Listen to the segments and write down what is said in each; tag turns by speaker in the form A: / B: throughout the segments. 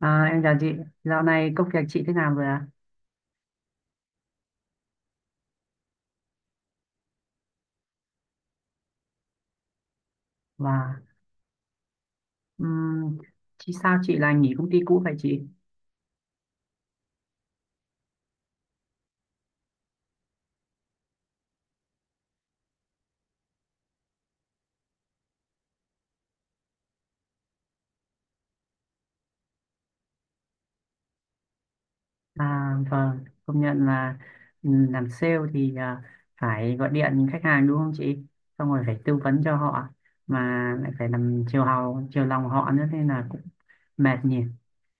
A: À, em chào chị, dạo này công việc chị thế nào rồi ạ? Và um, chị sao chị lại nghỉ công ty cũ vậy chị? À, vâng, công nhận là làm sale thì phải gọi điện khách hàng đúng không chị? Xong rồi phải tư vấn cho họ mà lại phải làm chiều hào, chiều lòng họ nữa nên là cũng mệt nhỉ.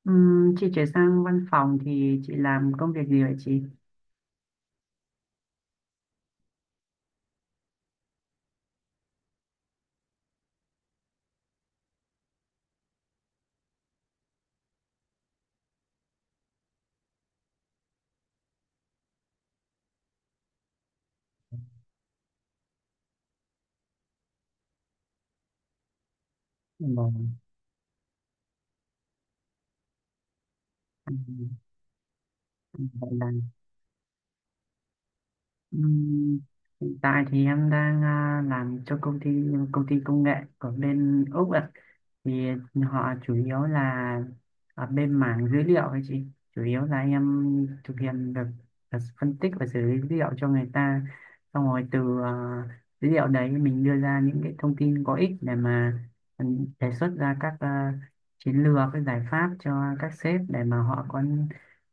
A: Chị chuyển sang văn phòng thì chị làm công việc gì vậy chị? Vâng. Ừm, Vậy là Ừm, hiện tại thì em đang làm cho công ty công nghệ ở bên Úc ạ. Thì họ chủ yếu là ở bên mảng dữ liệu ấy chị. Chủ yếu là em thực hiện được là phân tích và xử lý dữ liệu cho người ta. Xong rồi dữ liệu đấy mình đưa ra những cái thông tin có ích để mà ừ, đề xuất ra các chiến lược, các giải pháp cho các sếp để mà họ có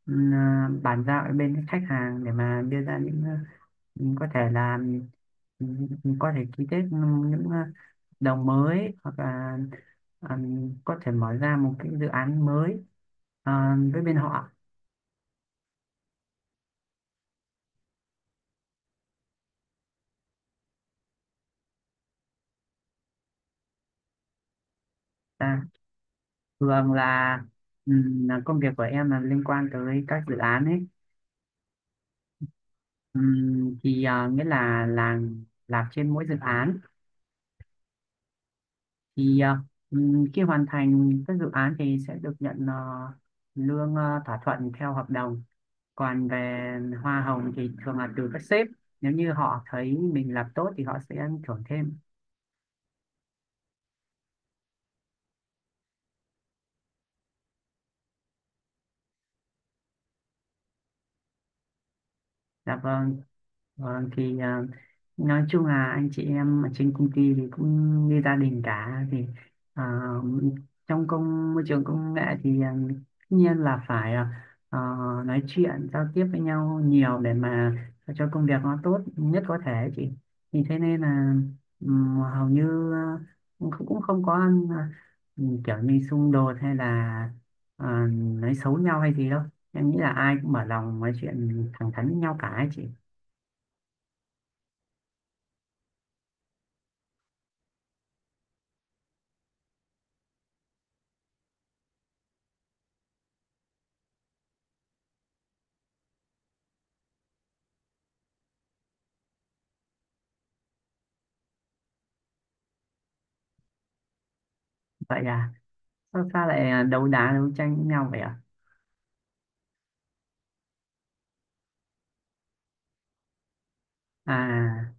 A: bàn giao ở bên khách hàng để mà đưa ra những, có thể là ừ, có thể ký kết những đồng mới, hoặc là ờ, có thể mở ra một cái dự án mới ờ, với bên họ. à, Thường là công việc của em là liên quan tới các dự án ấy. Thì nghĩa là làm trên mỗi dự án thì, khi hoàn thành các dự án thì sẽ được nhận lương thỏa thuận theo hợp đồng, còn về hoa hồng thì thường là từ các sếp, nếu như họ thấy mình làm tốt thì họ sẽ thưởng thêm. Dạ vâng. Vâng, thì nói chung là anh chị em ở trên công ty thì cũng như gia đình cả, thì à, trong môi trường công nghệ thì tất nhiên là phải nói chuyện giao tiếp với nhau nhiều để mà cho công việc nó tốt nhất có thể chị, thì thế nên là hầu như cũng cũng không có à, kiểu như xung đột hay là nói xấu nhau hay gì đâu. Em nghĩ là ai cũng mở lòng nói chuyện thẳng thắn với nhau cả ấy chị. Vậy à, sao ta lại đấu đá đấu tranh với nhau vậy ạ? à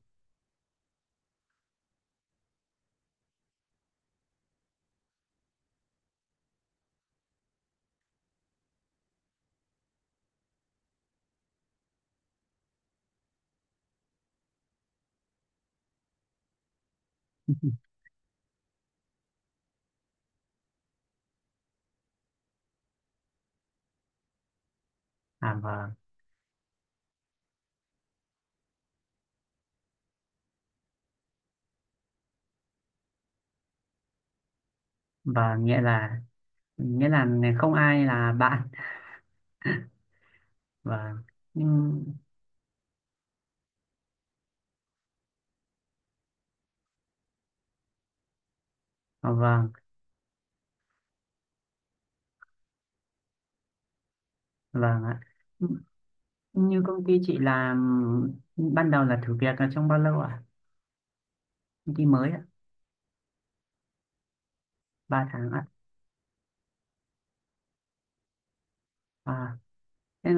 A: vâng. Vâng, nghĩa là nghĩa là không ai là bạn. Vâng, nhưng vâng. Vâng ạ. Như công ty chị làm ban đầu là thử việc là trong bao lâu ạ? Công ty mới ạ? 3 tháng ạ? À, thế,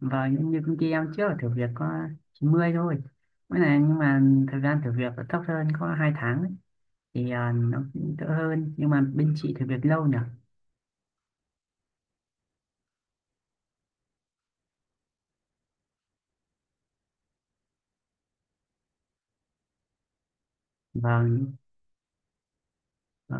A: và như công ty em trước là thử việc có 90 thôi. Mới này nhưng mà thời gian thử việc là thấp hơn, có 2 tháng ấy. Thì nó cũng đỡ hơn, nhưng mà bên chị thử việc lâu nhỉ. Vâng. Đó,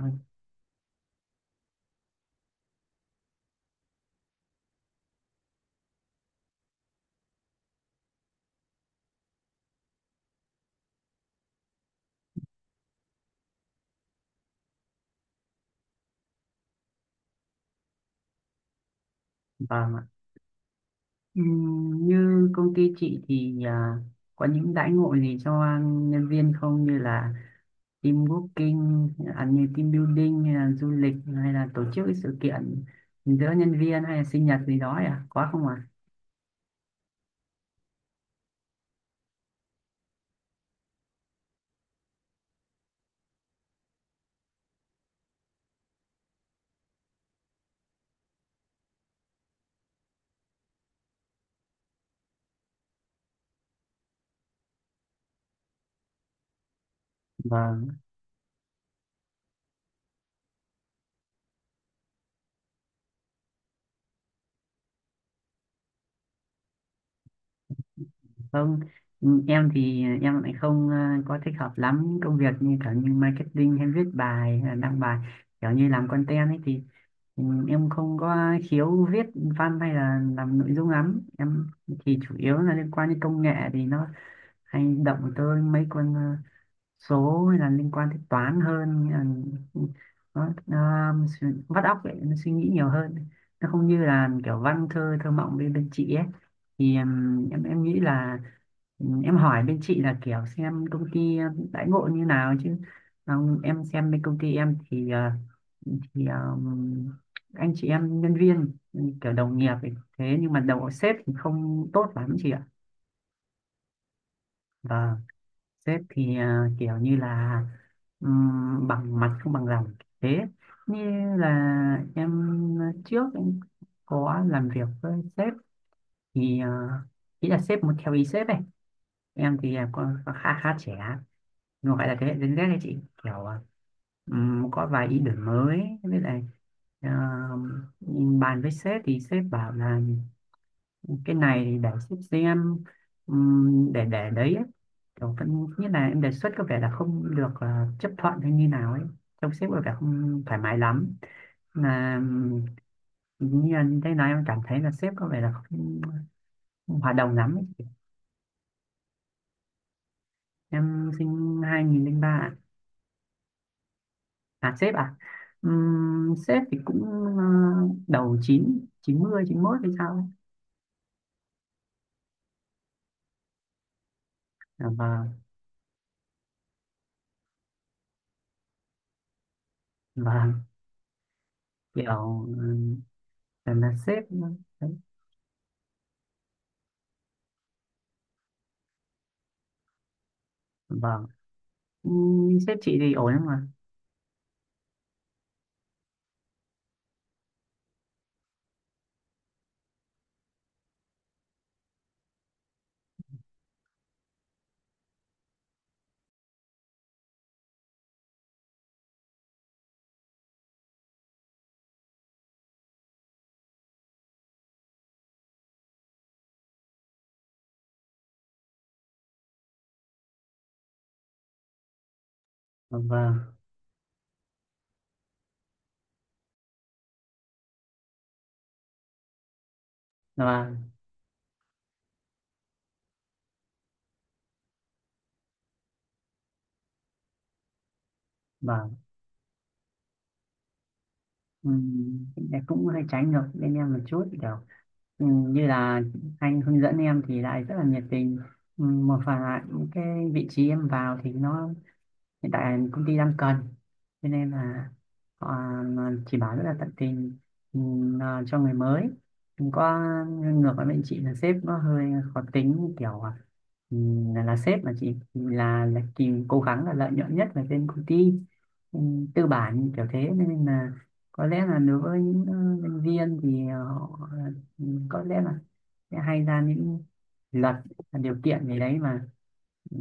A: và mà, như công ty chị thì có những đãi ngộ gì cho nhân viên không, như là team booking, như team building hay là du lịch hay là tổ chức cái sự kiện giữa nhân viên hay là sinh nhật gì đó ấy à? Có không ạ? À? Không, em thì em lại không có thích hợp lắm công việc như kiểu như marketing hay viết bài hay là đăng bài kiểu như làm content ấy thì, em không có khiếu viết văn hay là làm nội dung lắm. Em thì chủ yếu là liên quan đến công nghệ thì nó hay động tới mấy con số, hay là liên quan đến toán hơn, nghĩa là nó vắt óc vậy, nó suy nghĩ nhiều hơn, nó không như là kiểu văn thơ, thơ mộng bên bên chị ấy. Thì em nghĩ là em hỏi bên chị là kiểu xem công ty đãi ngộ như nào chứ. Còn em xem bên công ty em thì, thì ờm, anh chị em nhân viên kiểu đồng nghiệp ấy. Thế nhưng mà đầu sếp thì không tốt lắm chị ạ. Và sếp thì kiểu như là bằng mặt không bằng lòng. Thế như là em, trước em có làm việc với sếp thì ý là sếp muốn theo ý sếp ấy. Em thì có khá khá trẻ, nó gọi là thế hệ Gen Z đấy chị, kiểu có vài ý tưởng mới. Với lại ờ, bàn với sếp thì sếp bảo là cái này thì để sếp xem, để đấy ấy. Kiểu vẫn như là em đề xuất có vẻ là không được chấp thuận hay như nào ấy, trông sếp có vẻ không thoải mái lắm, mà như anh thấy nói, em cảm thấy là sếp có vẻ là không hòa đồng lắm ấy. Em sinh 2003 ạ. À, sếp à? Sếp thì cũng ờ, đầu 9, chín 91 hay sao ấy. Dạ vâng, vâng, kiểu là sếp đấy. Vâng. Sếp chị thì ổn lắm mà. Dạ vâng. Dạ vâng, vâng. Em cũng hơi tránh được bên em một chút, kiểu ừ, như là anh hướng dẫn em thì lại rất là nhiệt tình. Ừ, một phần là những cái vị trí em vào thì nó hiện tại là công ty đang cần, cho nên là họ chỉ bảo rất là tận tình cho người mới, không có ngược với bên chị là sếp nó hơi khó tính, kiểu là sếp mà chị là tìm cố gắng là lợi nhuận nhất là bên công ty, tư bản kiểu thế, nên là có lẽ là đối với những nhân viên thì họ có lẽ là sẽ hay ra những luật, điều kiện gì đấy mà Ừ,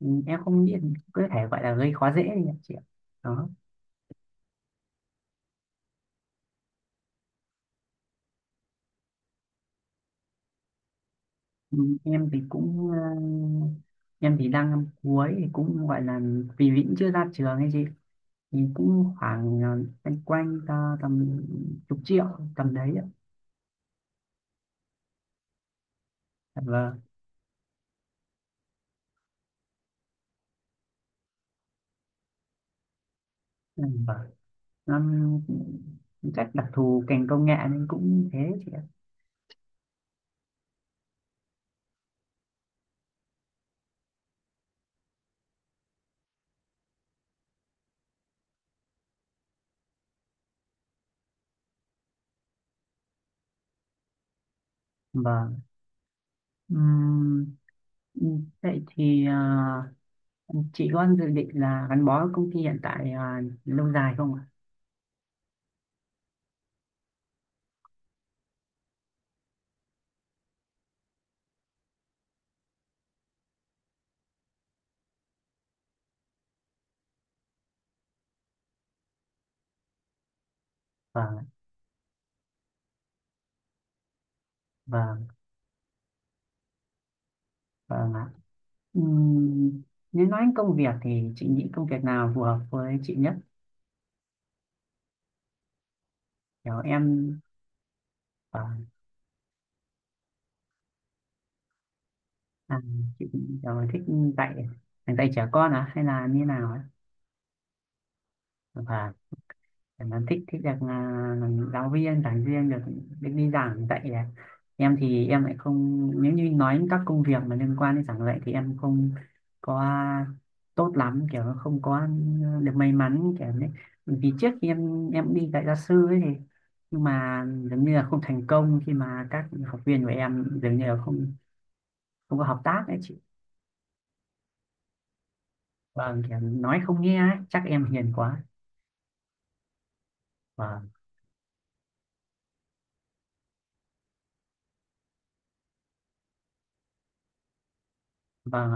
A: em không nghĩ, có thể gọi là gây khó dễ đi ạ chị ạ. Đó. Ừ, em thì cũng ờ, em thì đang năm cuối thì cũng gọi là vì vẫn chưa ra trường ấy chị, thì cũng khoảng quanh quanh ta tầm chục triệu, tầm đấy ạ. Dạ vâng. Ừ, vâng. năm Chắc đặc thù ngành công nghệ nên cũng thế chị ạ. Vâng. Ừm, ừ, vậy thì chị có dự định là gắn bó với công ty hiện tại lâu dài không ạ? Vâng. Vâng, vâng ạ. Ừm, nếu nói đến công việc thì chị nghĩ công việc nào phù hợp với chị nhất? Kiểu em... Vâng, à, chị kiểu thích dạy dạy trẻ con à hay là như nào ấy? Vâng, em thích thích được làm giáo viên, giảng viên, được được đi giảng dạy à. Em thì em lại không, nếu như nói các công việc mà liên quan đến giảng dạy thì em không có tốt lắm, kiểu không có được may mắn kiểu đấy. Bởi vì trước khi em đi dạy gia sư ấy thì, nhưng mà dường như là không thành công, khi mà các học viên của em dường như là không không có hợp tác ấy chị. Vâng, kiểu nói không nghe ấy. Chắc em hiền quá. Vâng, vâng.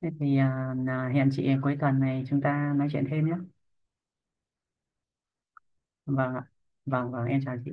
A: Thế thì là hẹn chị cuối tuần này chúng ta nói chuyện thêm nhé. Vâng ạ. Vâng, vâng, em chào chị.